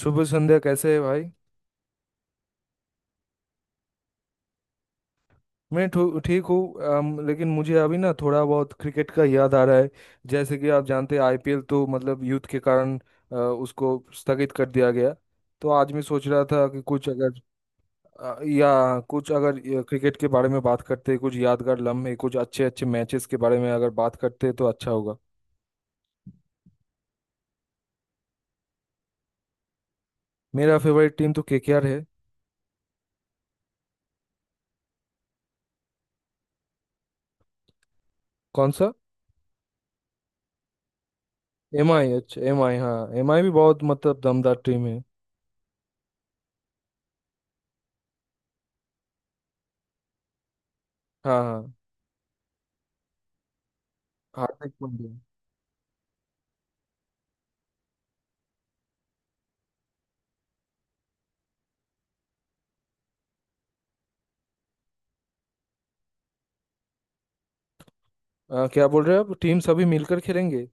शुभ संध्या। कैसे है भाई? मैं ठीक हूँ। लेकिन मुझे अभी ना थोड़ा बहुत क्रिकेट का याद आ रहा है। जैसे कि आप जानते हैं, आईपीएल तो मतलब यूथ के कारण उसको स्थगित कर दिया गया। तो आज मैं सोच रहा था कि कुछ अगर अ, या कुछ अगर अ, क्रिकेट के बारे में बात करते, कुछ यादगार लम्हे, कुछ अच्छे अच्छे मैचेस के बारे में अगर बात करते तो अच्छा होगा। मेरा फेवरेट टीम तो केकेआर है। कौन सा? एमआई? अच्छा, एमआई। हाँ, एमआई भी बहुत मतलब दमदार टीम है। हाँ हाँ। हार्दिक पांड्या। क्या बोल रहे हो आप? टीम्स अभी मिलकर खेलेंगे?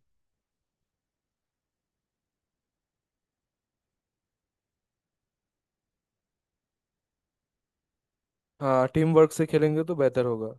हाँ, टीम वर्क से खेलेंगे तो बेहतर होगा।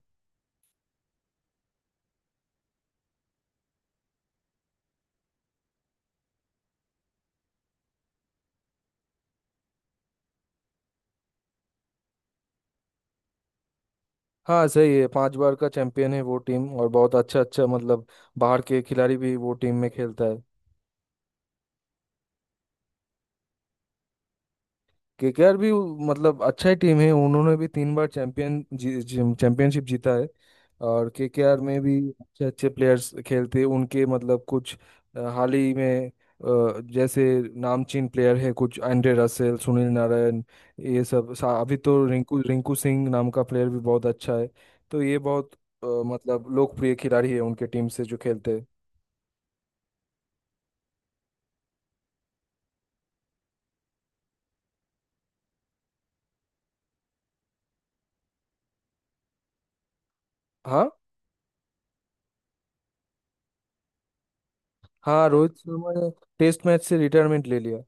हाँ सही है, पांच बार का चैंपियन है वो टीम। और बहुत अच्छा अच्छा मतलब बाहर के खिलाड़ी भी वो टीम में खेलता है। केकेआर भी मतलब अच्छा ही टीम है, उन्होंने भी तीन बार चैंपियन जी, जी, चैंपियनशिप जीता है। और केकेआर में भी अच्छे अच्छे प्लेयर्स खेलते हैं उनके, मतलब कुछ हाल ही में जैसे नामचीन प्लेयर है, कुछ एंड्रे रसेल, सुनील नारायण। ये सब अभी तो रिंकू रिंकू सिंह नाम का प्लेयर भी बहुत अच्छा है। तो ये बहुत मतलब लोकप्रिय खिलाड़ी है उनके टीम से जो खेलते हैं। हाँ हाँ। रोहित शर्मा ने टेस्ट मैच से रिटायरमेंट ले लिया।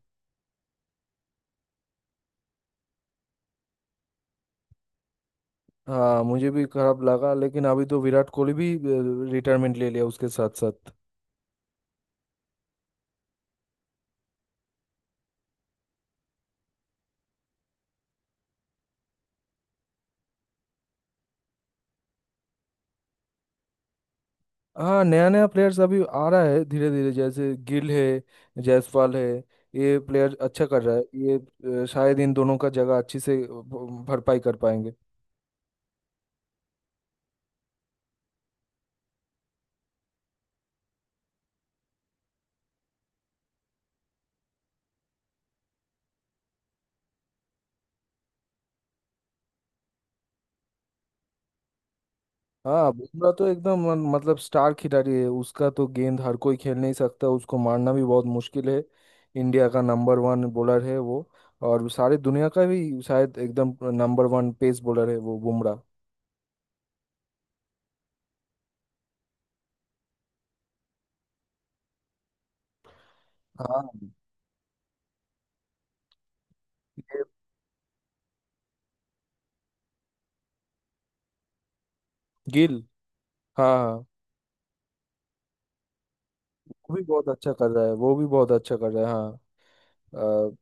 हाँ, मुझे भी खराब लगा, लेकिन अभी तो विराट कोहली भी रिटायरमेंट ले लिया उसके साथ साथ। हाँ, नया नया प्लेयर्स अभी आ रहा है धीरे धीरे, जैसे गिल है, जायसवाल है। ये प्लेयर अच्छा कर रहा है। ये शायद इन दोनों का जगह अच्छी से भरपाई कर पाएंगे। हाँ, बुमराह तो एकदम मतलब स्टार खिलाड़ी है। उसका तो गेंद हर कोई खेल नहीं सकता, उसको मारना भी बहुत मुश्किल है। इंडिया का नंबर वन बॉलर है वो। और सारे दुनिया का भी शायद एकदम नंबर वन पेस बॉलर है वो बुमराह। हाँ, ये- गिल। हाँ हाँ। वो भी बहुत अच्छा कर रहा है, वो भी बहुत अच्छा कर रहा है। हाँ अ,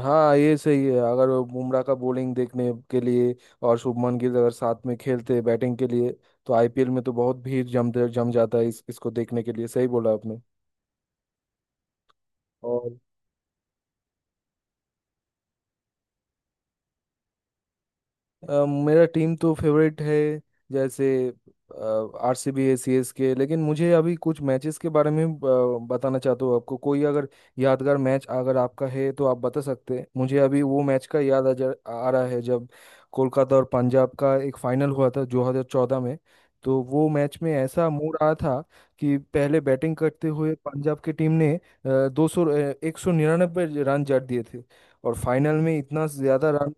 हाँ, ये सही है। अगर वो बुमराह का बॉलिंग देखने के लिए और शुभमन गिल अगर साथ में खेलते बैटिंग के लिए, तो आईपीएल में तो बहुत भीड़ जम जम जाता है इस इसको देखने के लिए। सही बोला आपने। और मेरा टीम तो फेवरेट है, जैसे आरसीबी है, सीएसके। लेकिन मुझे अभी कुछ मैचेस के बारे में बताना चाहता हूँ आपको। कोई अगर यादगार मैच अगर आपका है तो आप बता सकते हैं। मुझे अभी वो मैच का याद आ रहा है जब कोलकाता और पंजाब का एक फाइनल हुआ था 2014 में। तो वो मैच में ऐसा मूड आया था कि पहले बैटिंग करते हुए पंजाब की टीम ने दो सौ, 199 रन जड़ दिए थे। और फाइनल में इतना ज्यादा रन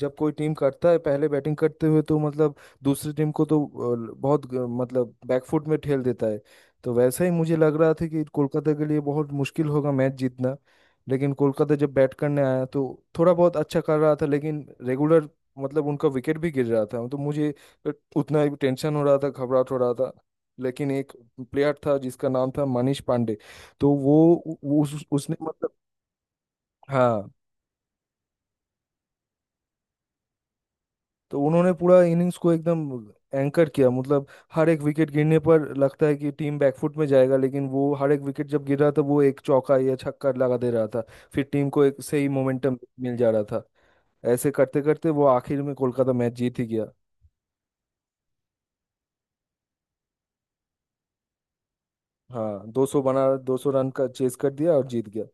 जब कोई टीम करता है पहले बैटिंग करते हुए, तो मतलब दूसरी टीम को तो बहुत मतलब बैकफुट में ठेल देता है। तो वैसा ही मुझे लग रहा था कि कोलकाता के लिए बहुत मुश्किल होगा मैच जीतना। लेकिन कोलकाता जब बैट करने आया तो थोड़ा बहुत अच्छा कर रहा था, लेकिन रेगुलर मतलब उनका विकेट भी गिर रहा था। तो मुझे उतना ही टेंशन हो रहा था, घबराहट हो रहा था। लेकिन एक प्लेयर था जिसका नाम था मनीष पांडे। तो वो उ- उस उसने मतलब, हाँ। तो उन्होंने पूरा इनिंग्स को एकदम एंकर किया, मतलब हर एक विकेट गिरने पर लगता है कि टीम बैकफुट में जाएगा, लेकिन वो हर एक विकेट जब गिर रहा था, वो एक चौका या छक्का लगा दे रहा था। फिर टीम को एक सही मोमेंटम मिल जा रहा था। ऐसे करते करते वो आखिर में कोलकाता मैच जीत ही गया। हाँ, 200 बना, 200 रन का चेस कर दिया और जीत गया।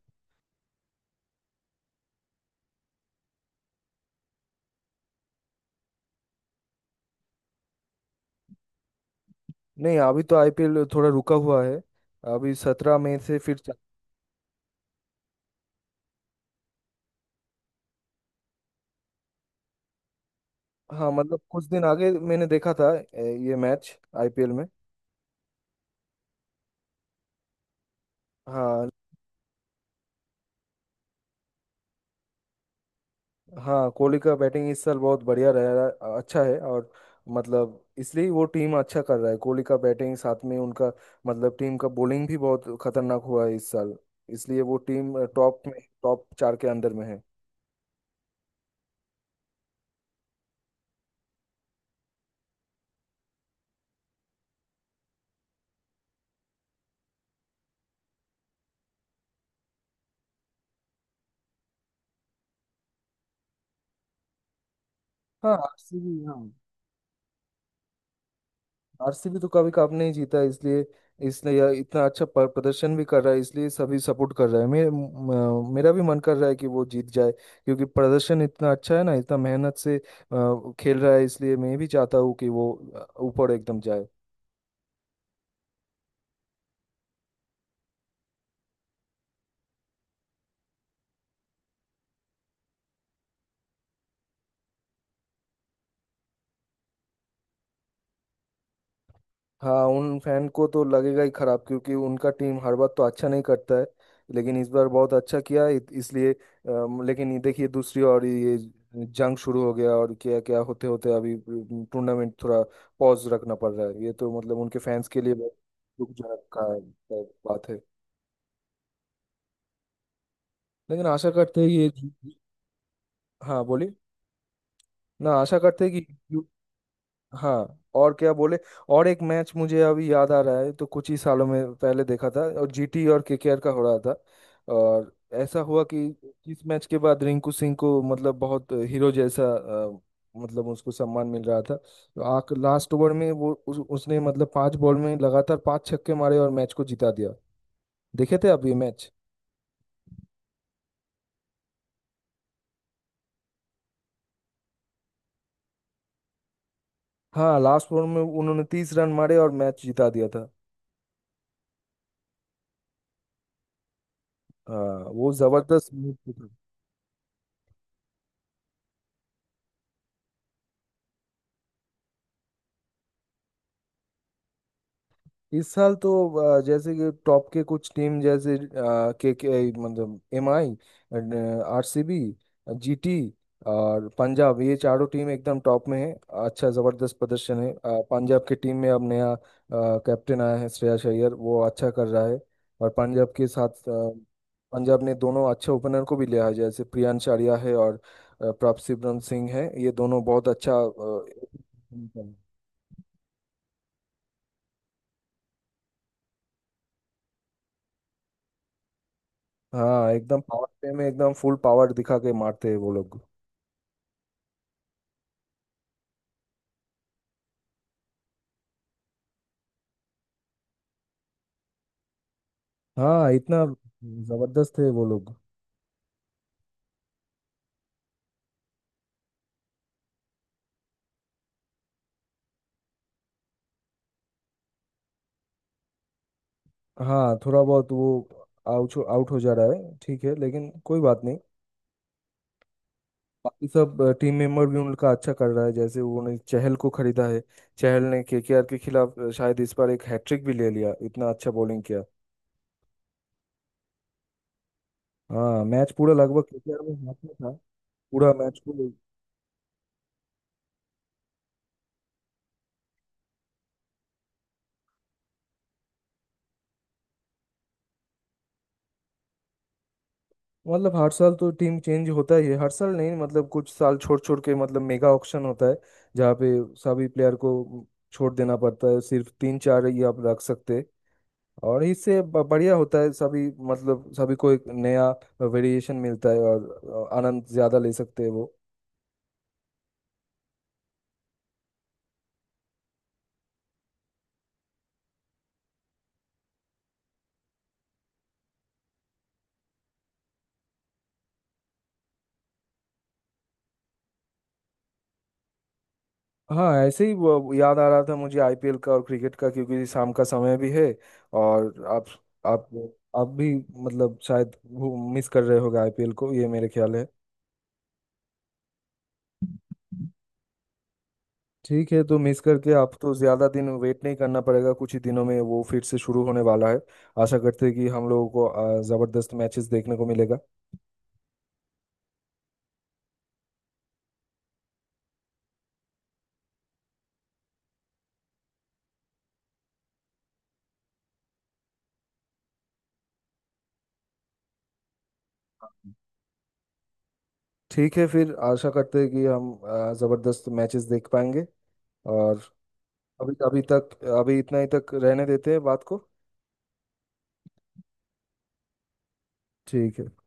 नहीं, अभी तो आईपीएल थोड़ा रुका हुआ है। अभी 17 मई से फिर हाँ, मतलब कुछ दिन आगे मैंने देखा था, ये मैच आईपीएल में। हाँ। हाँ, कोहली का बैटिंग इस साल बहुत बढ़िया रह रहा, अच्छा है। और मतलब इसलिए वो टीम अच्छा कर रहा है, कोहली का बैटिंग साथ में उनका मतलब टीम का बॉलिंग भी बहुत खतरनाक हुआ है इस साल। इसलिए वो टीम टॉप में टॉप चार के अंदर में है। हाँ, आरसीबी। हाँ, आरसीबी तो कभी कप नहीं जीता, इसलिए इसने यह इतना अच्छा प्रदर्शन भी कर रहा है। इसलिए सभी सपोर्ट कर रहा है, मेरा भी मन कर रहा है कि वो जीत जाए। क्योंकि प्रदर्शन इतना अच्छा है ना, इतना मेहनत से खेल रहा है, इसलिए मैं भी चाहता हूँ कि वो ऊपर एकदम जाए। हाँ, उन फैन को तो लगेगा ही खराब, क्योंकि उनका टीम हर बार तो अच्छा नहीं करता है। लेकिन इस बार बहुत अच्छा किया है, इसलिए लेकिन ये देखिए, दूसरी और ये जंग शुरू हो गया। और क्या क्या होते होते अभी टूर्नामेंट थोड़ा पॉज रखना पड़ रहा है। ये तो मतलब उनके फैंस के लिए बहुत दुखजनक का बात है। लेकिन आशा करते हैं ये। हाँ बोलिए। ना, आशा करते हैं कि। हाँ, और क्या बोले। और एक मैच मुझे अभी याद आ रहा है, तो कुछ ही सालों में पहले देखा था, और जीटी और केकेआर का हो रहा था। और ऐसा हुआ कि इस मैच के बाद रिंकू सिंह को मतलब बहुत हीरो जैसा मतलब उसको सम्मान मिल रहा था। तो आख लास्ट ओवर में वो उसने मतलब पांच बॉल में लगातार पांच छक्के मारे और मैच को जिता दिया। देखे थे आप ये मैच? हाँ, लास्ट ओवर में उन्होंने 30 रन मारे और मैच जिता दिया था। हाँ, वो जबरदस्त move। इस साल तो जैसे कि टॉप के कुछ टीम, जैसे के मतलब M I, R C B, GT और पंजाब, ये चारों टीम एकदम टॉप में है। अच्छा जबरदस्त प्रदर्शन है। पंजाब की टीम में अब नया कैप्टन आया है श्रेयस अय्यर, वो अच्छा कर रहा है। और पंजाब के साथ पंजाब ने दोनों अच्छे ओपनर को भी लिया है, जैसे प्रियांश आर्या है और प्रभसिमरन सिंह है। ये दोनों बहुत अच्छा अ, हाँ, एकदम पावर प्ले में एकदम फुल पावर दिखा के मारते हैं वो लोग। हाँ, इतना जबरदस्त है वो लोग। हाँ, थोड़ा बहुत वो आउट आउट हो जा रहा है, ठीक है, लेकिन कोई बात नहीं। बाकी सब टीम मेंबर भी उनका अच्छा कर रहा है, जैसे उन्होंने चहल को खरीदा है। चहल ने केकेआर के खिलाफ शायद इस बार एक हैट्रिक भी ले लिया, इतना अच्छा बॉलिंग किया। हाँ, मैच पूरा लगभग केकेआर में, हाथ में था, पूरा मैच को। मतलब हर साल तो टीम चेंज होता ही है, हर साल नहीं, मतलब कुछ साल छोड़ छोड़ के मतलब मेगा ऑक्शन होता है। जहाँ पे सभी प्लेयर को छोड़ देना पड़ता है, सिर्फ तीन चार ही आप रख सकते हैं। और इससे बढ़िया होता है, सभी, मतलब सभी को एक नया वेरिएशन मिलता है और आनंद ज़्यादा ले सकते हैं वो। हाँ, ऐसे ही वो याद आ रहा था मुझे आईपीएल का और क्रिकेट का, क्योंकि शाम का समय भी है। और आप, आप आप भी मतलब शायद मिस कर रहे होगे आईपीएल को, ये मेरे ख्याल है। ठीक है, तो मिस करके आप तो ज़्यादा दिन वेट नहीं करना पड़ेगा, कुछ ही दिनों में वो फिर से शुरू होने वाला है। आशा करते हैं कि हम लोगों को ज़बरदस्त मैचेस देखने को मिलेगा। ठीक है, फिर आशा करते हैं कि हम ज़बरदस्त मैचेस देख पाएंगे। और अभी, अभी तक, अभी इतना ही तक रहने देते हैं बात को। ठीक है।